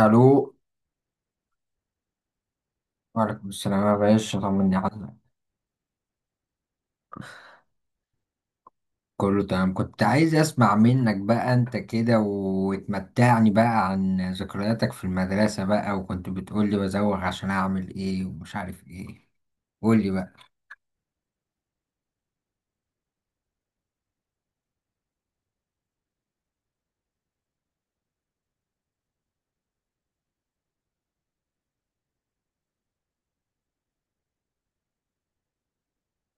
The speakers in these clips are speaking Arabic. الو. وعليكم السلام يا باشا، طمني عليك. كله تمام، كنت عايز اسمع منك بقى انت كده وتمتعني بقى عن ذكرياتك في المدرسة بقى، وكنت بتقولي بزوغ عشان اعمل ايه ومش عارف ايه. قولي بقى.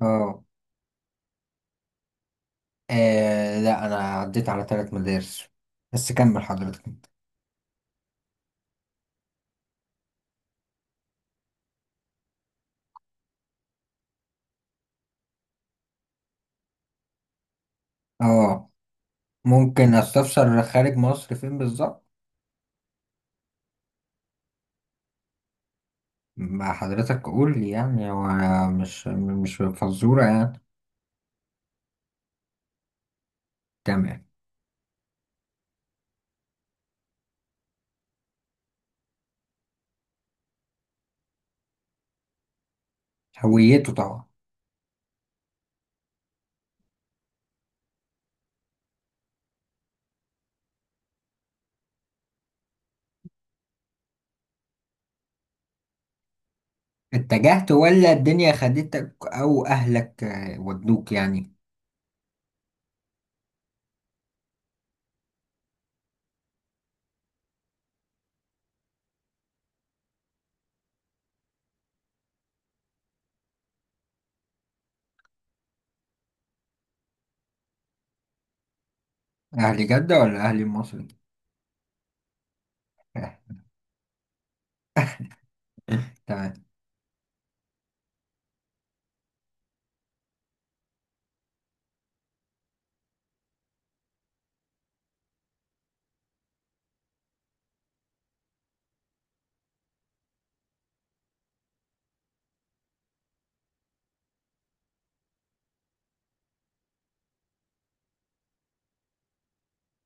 اه. لا انا عديت على ثلاث مدارس، بس كمل حضرتك انت. اه. ممكن استفسر خارج مصر فين بالظبط؟ ما حضرتك قول لي يعني هو، مش فزورة يعني. تمام. هويته طبعا. اتجهت ولا الدنيا خدتك او اهلك ودوك يعني؟ اهل جدة ولا اهل المصري؟ تمام.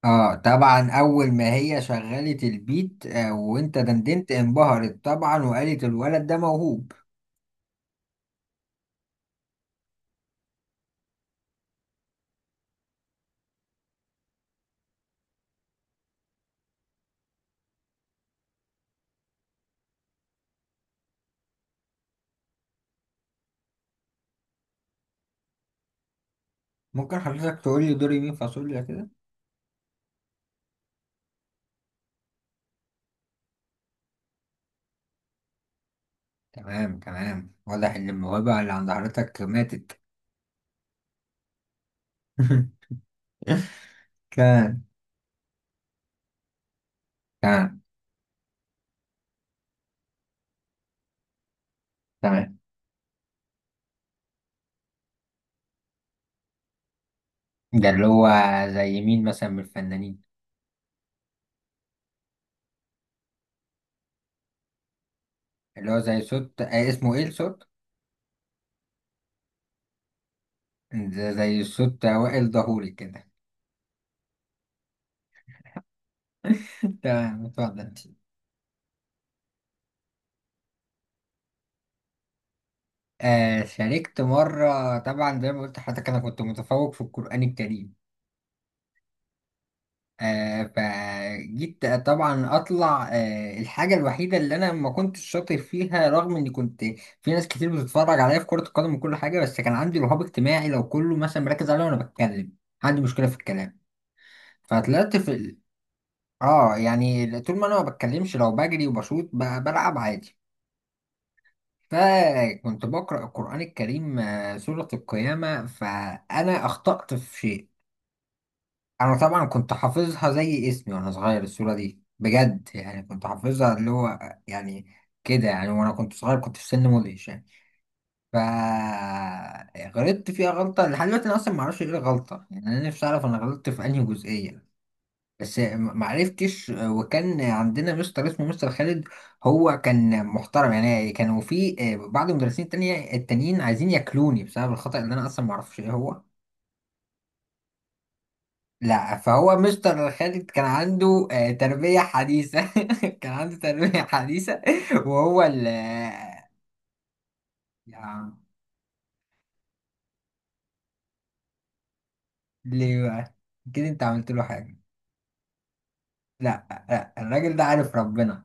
اه طبعا اول ما هي شغلت البيت وانت دندنت انبهرت طبعا وقالت الولد ده موهوب. ممكن حضرتك تقول لي دوري مين فاصوليا كده؟ تمام تمام، واضح ان الموهبة اللي عند حضرتك ماتت. كان كان تمام. ده اللي هو، زي مين مثلا من الفنانين؟ اللي هو زي صوت اسمه ايه الصوت؟ ده زي صوت اوائل ظهوري كده. تمام، اتفضل انت. شاركت مرة، طبعا زي ما قلت لحضرتك أنا كنت متفوق في القرآن الكريم. فجيت طبعا أطلع الحاجة الوحيدة اللي أنا ما كنتش شاطر فيها رغم إني كنت. في ناس كتير بتتفرج عليا في كرة القدم وكل حاجة، بس كان عندي رهاب اجتماعي لو كله مثلا مركز عليا وأنا بتكلم. عندي مشكلة في الكلام. فطلعت يعني طول ما أنا ما بتكلمش لو بجري وبشوط بلعب عادي. فكنت بقرأ القرآن الكريم سورة القيامة فأنا أخطأت في شيء. أنا طبعا كنت حافظها زي اسمي وأنا صغير، السورة دي بجد يعني كنت حافظها اللي هو، يعني كده يعني وأنا كنت صغير، كنت في سن مدهش يعني. فغلطت فيها غلطة لحد دلوقتي أنا أصلا معرفش إيه الغلطة، يعني أنا نفسي أعرف أنا غلطت في أنهي جزئية. بس معرفتش وكان عندنا مستر اسمه مستر خالد. هو كان محترم يعني، كانوا في بعض المدرسين التانيين عايزين ياكلوني بسبب الخطأ اللي انا اصلا معرفش ايه هو. لا فهو مستر خالد كان عنده تربية حديثة. كان عنده تربية حديثة وهو ال يا عم، ليه بقى؟ كده انت عملت له حاجة؟ لا لا الراجل ده عارف ربنا.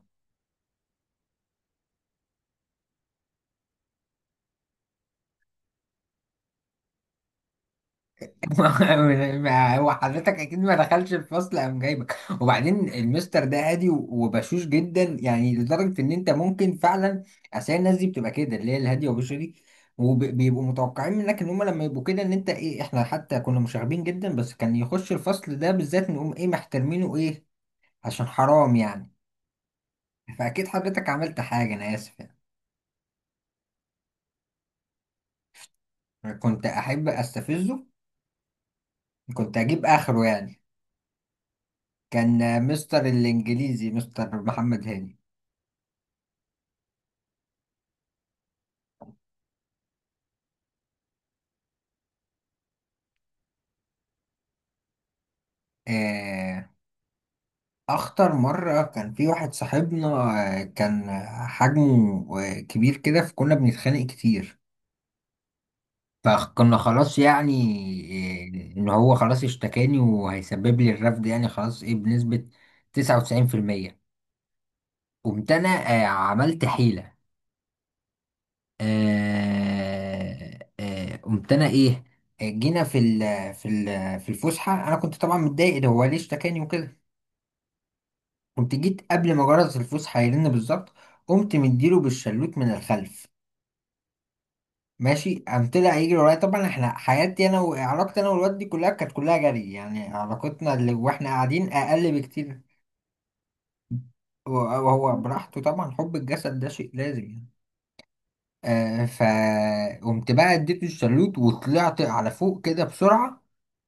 ما هو حضرتك اكيد ما دخلش الفصل قام جايبك، وبعدين المستر ده هادي وبشوش جدا يعني لدرجه ان انت ممكن فعلا. اصل هي الناس دي بتبقى كده اللي هي الهاديه وبشوشه دي، وبيبقوا متوقعين منك ان هم لما يبقوا كده ان انت ايه، احنا حتى كنا مشاغبين جدا بس كان يخش الفصل ده بالذات نقوم ايه محترمينه ايه، عشان حرام يعني. فاكيد حضرتك عملت حاجه، انا اسف. يعني كنت احب استفزه، كنت اجيب اخره يعني. كان مستر الانجليزي مستر محمد هاني. آه، أخطر مرة كان في واحد صاحبنا كان حجمه كبير كده فكنا بنتخانق كتير. فكنا خلاص يعني إن هو خلاص اشتكاني وهيسبب لي الرفض يعني خلاص إيه بنسبة 99%. قمت أنا عملت حيلة. قمت أنا إيه جينا في الفسحة، أنا كنت طبعا متضايق ده هو ليه اشتكاني وكده. قمت جيت قبل ما جرس الفوس هيرن بالظبط، قمت مديله بالشلوت من الخلف. ماشي قام طلع يجري ورايا طبعا، احنا حياتي انا وعلاقتي انا والواد دي كلها كانت كلها جري يعني، علاقتنا اللي واحنا قاعدين اقل بكتير. وهو براحته طبعا حب الجسد ده شيء لازم يعني. فقمت بقى اديته الشلوت وطلعت على فوق كده بسرعة،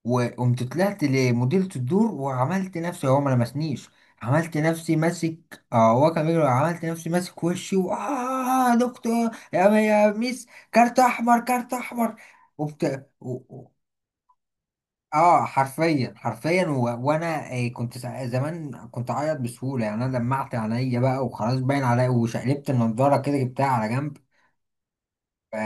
وقمت طلعت لمديرة الدور وعملت نفسي هو ما لمسنيش. عملت نفسي ماسك هو كان بيجري، عملت نفسي ماسك وشي و آه دكتور يا يا ميس كارت احمر كارت احمر. وبت... و... و- اه حرفيا حرفيا وانا كنت زمان كنت اعيط بسهولة يعني، انا دمعت عينيا بقى وخلاص باين عليا وشقلبت النضارة كده جبتها على جنب. ف...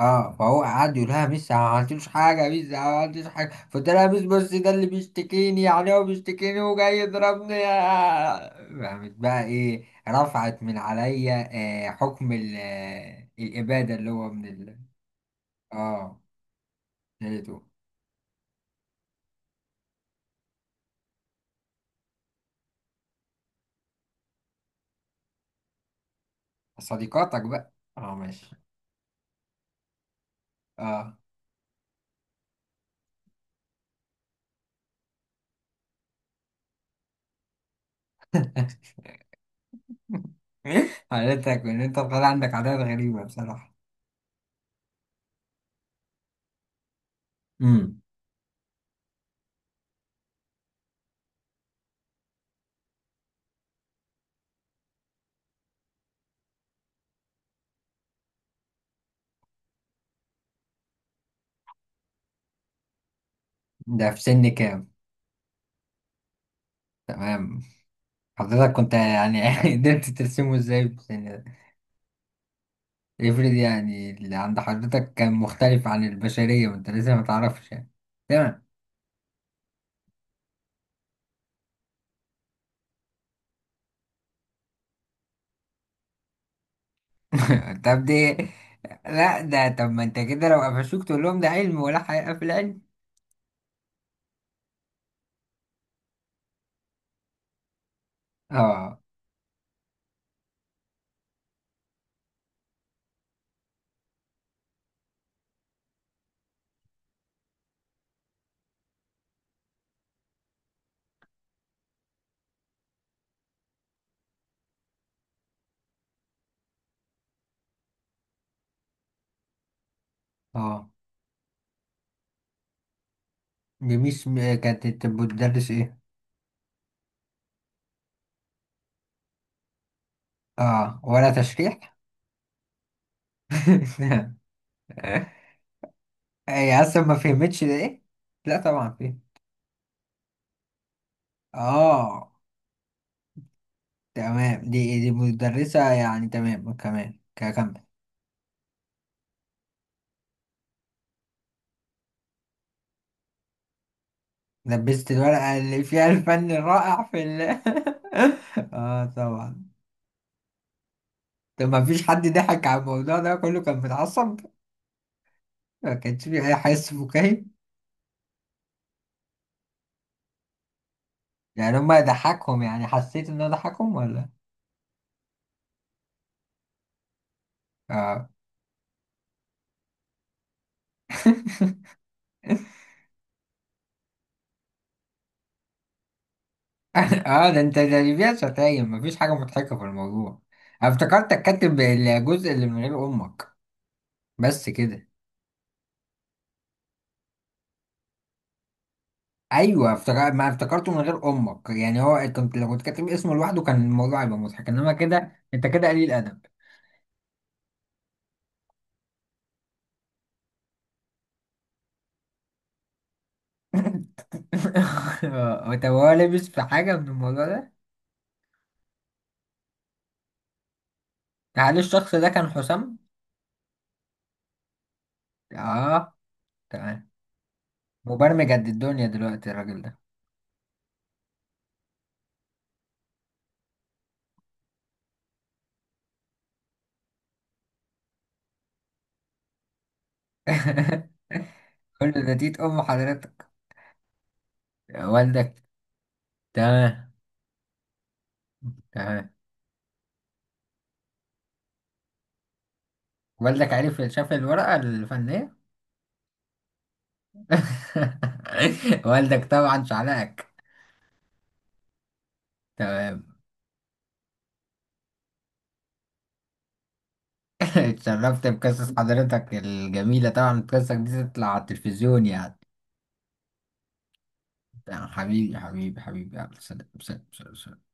اه فهو قعد يقول لها ميس أنا ما عملتلوش حاجه ميس أنا ما عملتلوش حاجه، فقلت لها ميس بص ده اللي بيشتكيني يعني هو بيشتكيني وجاي يضربني. قامت بقى ايه رفعت من عليا آه حكم ال- آه، الاباده اللي هو اه لقيته. صديقاتك بقى اه ماشي. اه. قالت لك ان انت طالع عندك عادات غريبه بصراحه. امم. ده في سن كام؟ تمام. حضرتك كنت يعني قدرت ترسمه ازاي في سن؟ افرض يعني اللي عند حضرتك كان مختلف عن البشرية وانت لسه ما تعرفش يعني. تمام. طب دي لا ده طب ما انت كده لو قفشوك تقول لهم ده علم، ولا حقيقة في العلم؟ اه اه. دي مش كانت بتبقى بتدرس ايه؟ اه ولا تشريح؟ هي اصلا ما فهمتش ده ايه؟ لا طبعا فيه. اه تمام، دي مدرسة يعني تمام كمان كمل. لبست الورقة اللي فيها الفن الرائع في ال اه طبعا. طب ما فيش حد ضحك على الموضوع ده، كله كان متعصب؟ ما كانش فيه أي حس فكاهي؟ يعني هما ضحكهم يعني حسيت إن هو ضحكهم ولا؟ اه. اه ده انت ده اللي فيها شتايم، مفيش حاجة مضحكة في الموضوع. أنا افتكرتك كاتب الجزء اللي من غير أمك بس كده. أيوه افتكر ما افتكرته من غير أمك، يعني هو كنت لو كنت كاتب اسمه لوحده كان الموضوع هيبقى مضحك، إنما كده أنت كده قليل أدب. طب هو لبس في حاجة من الموضوع ده؟ هل الشخص ده كان حسام؟ اه تمام. مبرمج قد الدنيا دلوقتي الراجل ده. كل ده تيت أم حضرتك والدك؟ تمام تمام. والدك عرف شاف الورقة الفنية؟ والدك طبعا شعلقك. تمام. اتشرفت بقصص حضرتك الجميلة، طبعا قصصك دي تطلع على التلفزيون يعني. تمام، حبيبي حبيبي حبيبي، يلا سلام سلام سلام سلام.